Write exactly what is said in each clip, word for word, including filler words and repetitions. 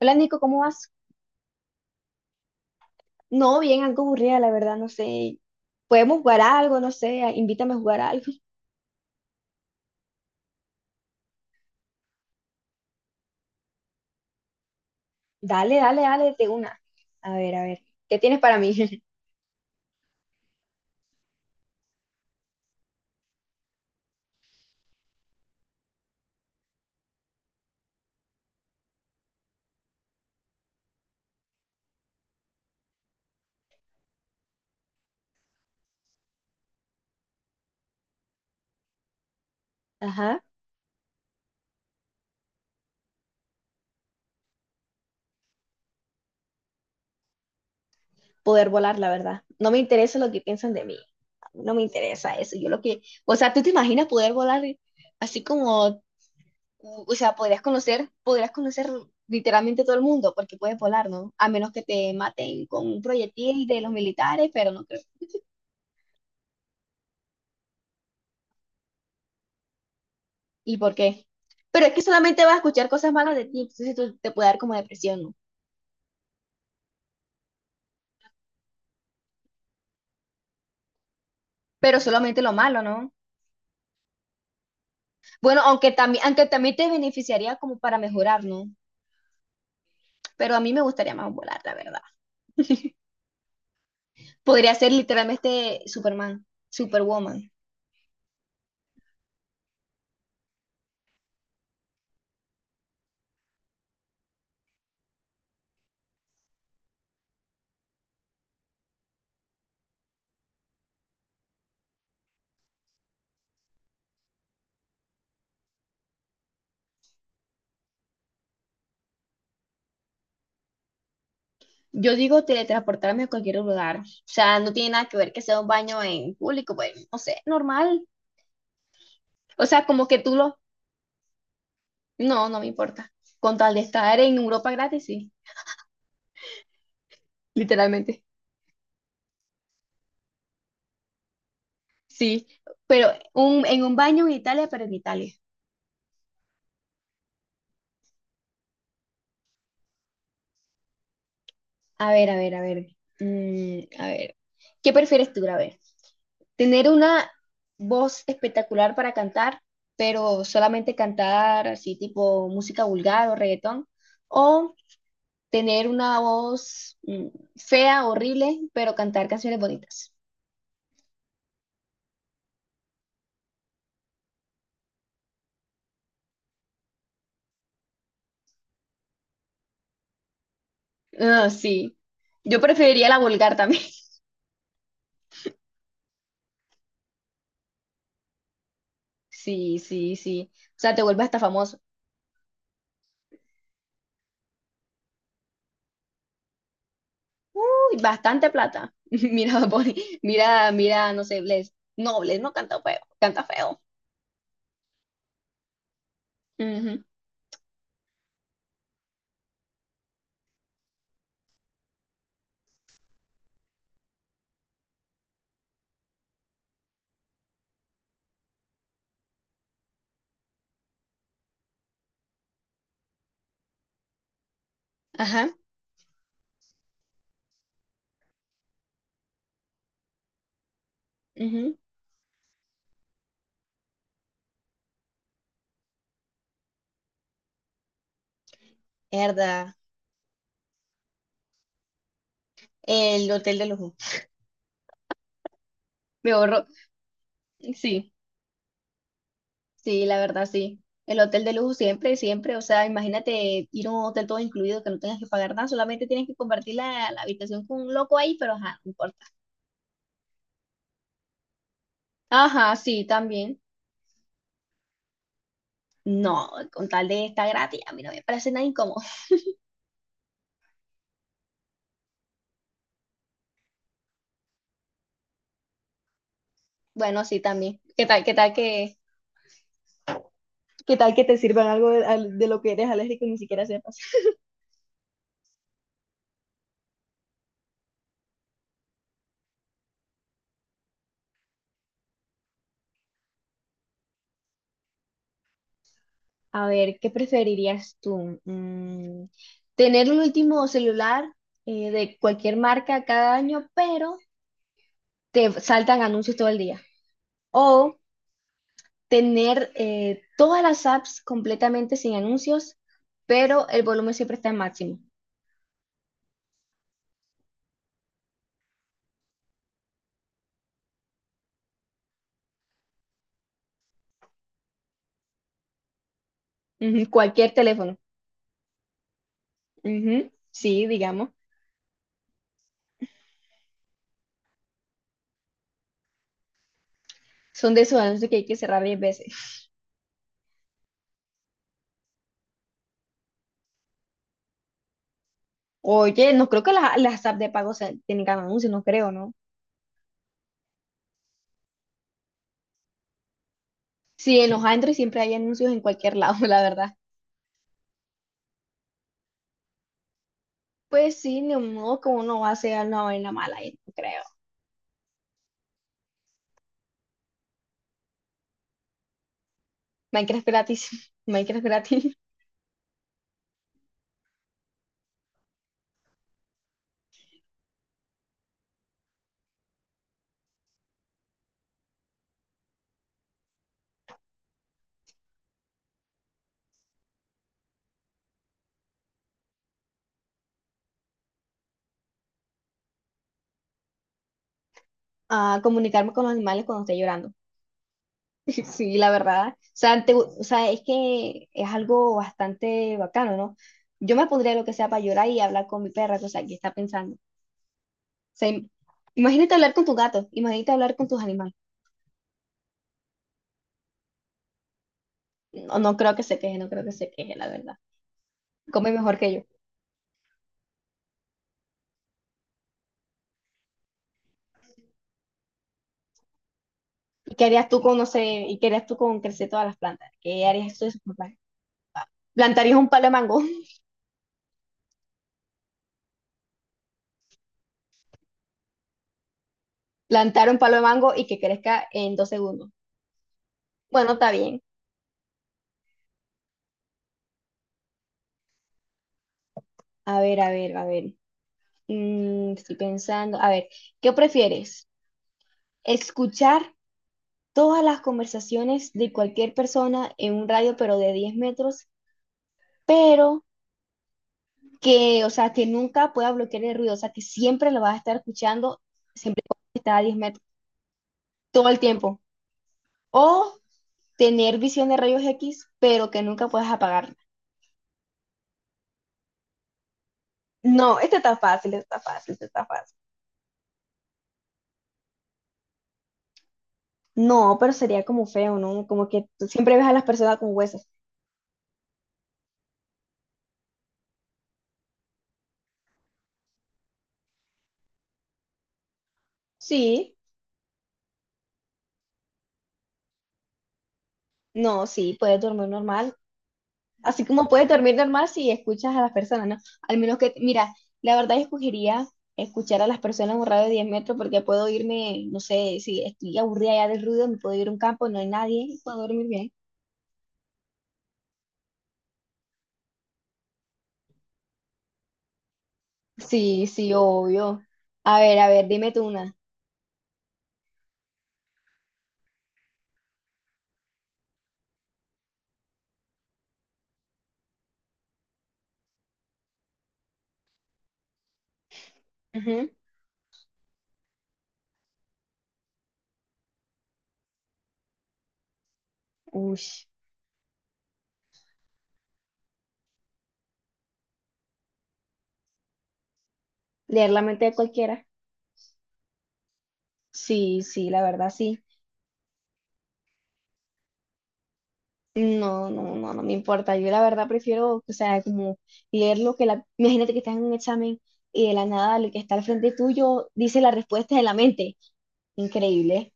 Hola, Nico, ¿cómo vas? No, bien, algo aburrida, la verdad, no sé. ¿Podemos jugar algo? No sé, a- invítame a jugar algo. Dale, dale, dale, de una. A ver, a ver, ¿qué tienes para mí? Ajá, poder volar, la verdad. No me interesa lo que piensan de mí. No me interesa eso. Yo lo que, o sea, ¿tú te imaginas poder volar así como, o sea, podrías conocer, podrías conocer literalmente todo el mundo porque puedes volar, ¿no? A menos que te maten con un proyectil de los militares, pero no creo. ¿Y por qué? Pero es que solamente vas a escuchar cosas malas de ti, entonces tú te puede dar como depresión, ¿no? Pero solamente lo malo, ¿no? Bueno, aunque también, aunque también te beneficiaría como para mejorar, ¿no? Pero a mí me gustaría más volar, la verdad. Podría ser literalmente este Superman, Superwoman. Yo digo teletransportarme a cualquier lugar. O sea, no tiene nada que ver que sea un baño en público, pues, no sé, normal. O sea, como que tú lo... No, no me importa. Con tal de estar en Europa gratis, sí, literalmente. Sí, pero un, en un baño en Italia, pero en Italia. A ver, a ver, a ver. Mm, a ver. ¿Qué prefieres tú? A ver, ¿tener una voz espectacular para cantar, pero solamente cantar así tipo música vulgar o reggaetón? ¿O tener una voz mm, fea, horrible, pero cantar canciones bonitas? Ah, sí. Yo preferiría la vulgar también. Sí, sí, sí. O sea, te vuelves hasta famoso. Bastante plata. Mira, Bad Bunny. Mira, mira, no sé, Bless. No, Bless no canta feo, canta feo. Ujú. Ajá. Ujú. Mierda. El hotel de lujo. Me ahorro. Sí, sí, la verdad, sí. El hotel de lujo siempre, siempre. O sea, imagínate ir a un hotel todo incluido que no tengas que pagar nada, solamente tienes que compartir la, la habitación con un loco ahí, pero ajá, no importa. Ajá, sí, también. No, con tal de estar gratis, a mí no me parece nada incómodo. Bueno, sí, también. ¿Qué tal, qué tal que ¿qué tal que te sirvan algo de, al- de lo que eres alérgico y ni siquiera sepas? A ver, ¿qué preferirías tú? Mm, tener el último celular eh, de cualquier marca cada año, pero te saltan anuncios todo el día. O tener eh, todas las apps completamente sin anuncios, pero el volumen siempre está en máximo. Ujú, cualquier teléfono. Ujú, sí, digamos. Son de esos anuncios que hay que cerrar diez veces. Oye, no creo que las, las apps de pago se- tengan anuncios, no creo, ¿no? Sí, en los Android siempre hay anuncios en cualquier lado, la verdad. Pues sí, ni modo que uno va a hacer una vaina mala, yo no creo. Minecraft gratis, Minecraft gratis. A comunicarme con los animales cuando esté llorando. Sí, la verdad. O sea, te- o sea, es que es algo bastante bacano, ¿no? Yo me pondría lo que sea para llorar y hablar con mi perra, o sea, que está pensando. O sea, im- imagínate hablar con tu gato, imagínate hablar con tus animales. No, no creo que se queje, no creo que se queje, la verdad. Come mejor que yo. ¿Y qué harías tú con, no sé, y qué harías tú con crecer todas las plantas? ¿Qué harías tú de esos papás? Plantarías un palo de mango, plantar un palo de mango y que crezca en dos segundos. Bueno, está bien. A ver, a ver, a ver. Mm, estoy pensando. A ver, ¿qué prefieres? ¿Escuchar todas las conversaciones de cualquier persona en un radio, pero de diez metros, pero que, o sea, que nunca pueda bloquear el ruido, o sea, que siempre lo vas a estar escuchando, siempre está a diez metros, todo el tiempo? O tener visión de rayos equis, pero que nunca puedas apagarla. No, este está fácil, este está fácil, este está fácil. No, pero sería como feo, ¿no? Como que tú siempre ves a las personas con huesos. Sí, no, sí, puedes dormir normal. Así como puedes dormir normal si escuchas a las personas, ¿no? Al menos que, mira, la verdad yo escogería escuchar a las personas en un radio de diez metros porque puedo irme, no sé, si estoy aburrida ya del ruido, me puedo ir a un campo, no hay nadie y puedo dormir bien. Sí, sí, obvio. A ver, a ver, dime tú una. Ujú. Ush. Leer la mente de cualquiera. Sí, sí, la verdad sí. No, no, no, no me importa. Yo la verdad prefiero, o sea, como leer lo que la... Imagínate que estás en un examen y de la nada lo que está al frente tuyo dice la respuesta de la mente. Increíble.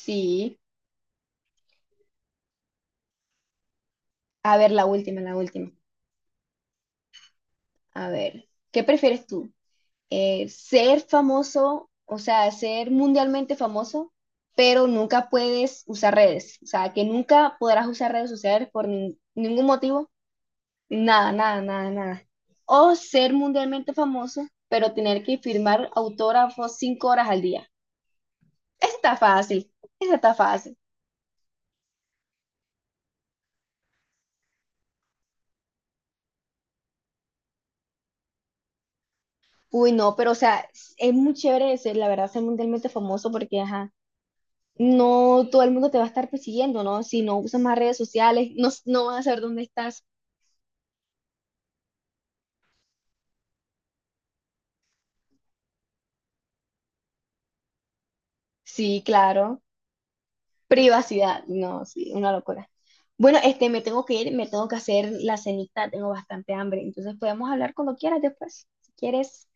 Sí. A ver, la última, la última. A ver, ¿qué prefieres tú? Eh, ser famoso, o sea, ser mundialmente famoso, pero nunca puedes usar redes. O sea, que nunca podrás usar redes sociales por nin- ningún motivo. Nada, nada, nada, nada. O ser mundialmente famoso, pero tener que firmar autógrafos cinco horas al día. Esa está fácil, esa está fácil. Uy, no, pero o sea, es muy chévere de ser, la verdad, ser mundialmente famoso porque, ajá, no todo el mundo te va a estar persiguiendo, ¿no? Si no usas más redes sociales, no, s- no van a saber dónde estás. Sí, claro. Privacidad, no, sí, una locura. Bueno, este, me tengo que ir, me tengo que hacer la cenita, tengo bastante hambre, entonces podemos hablar cuando quieras después, si quieres.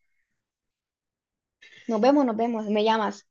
Nos vemos, nos vemos. Me llamas.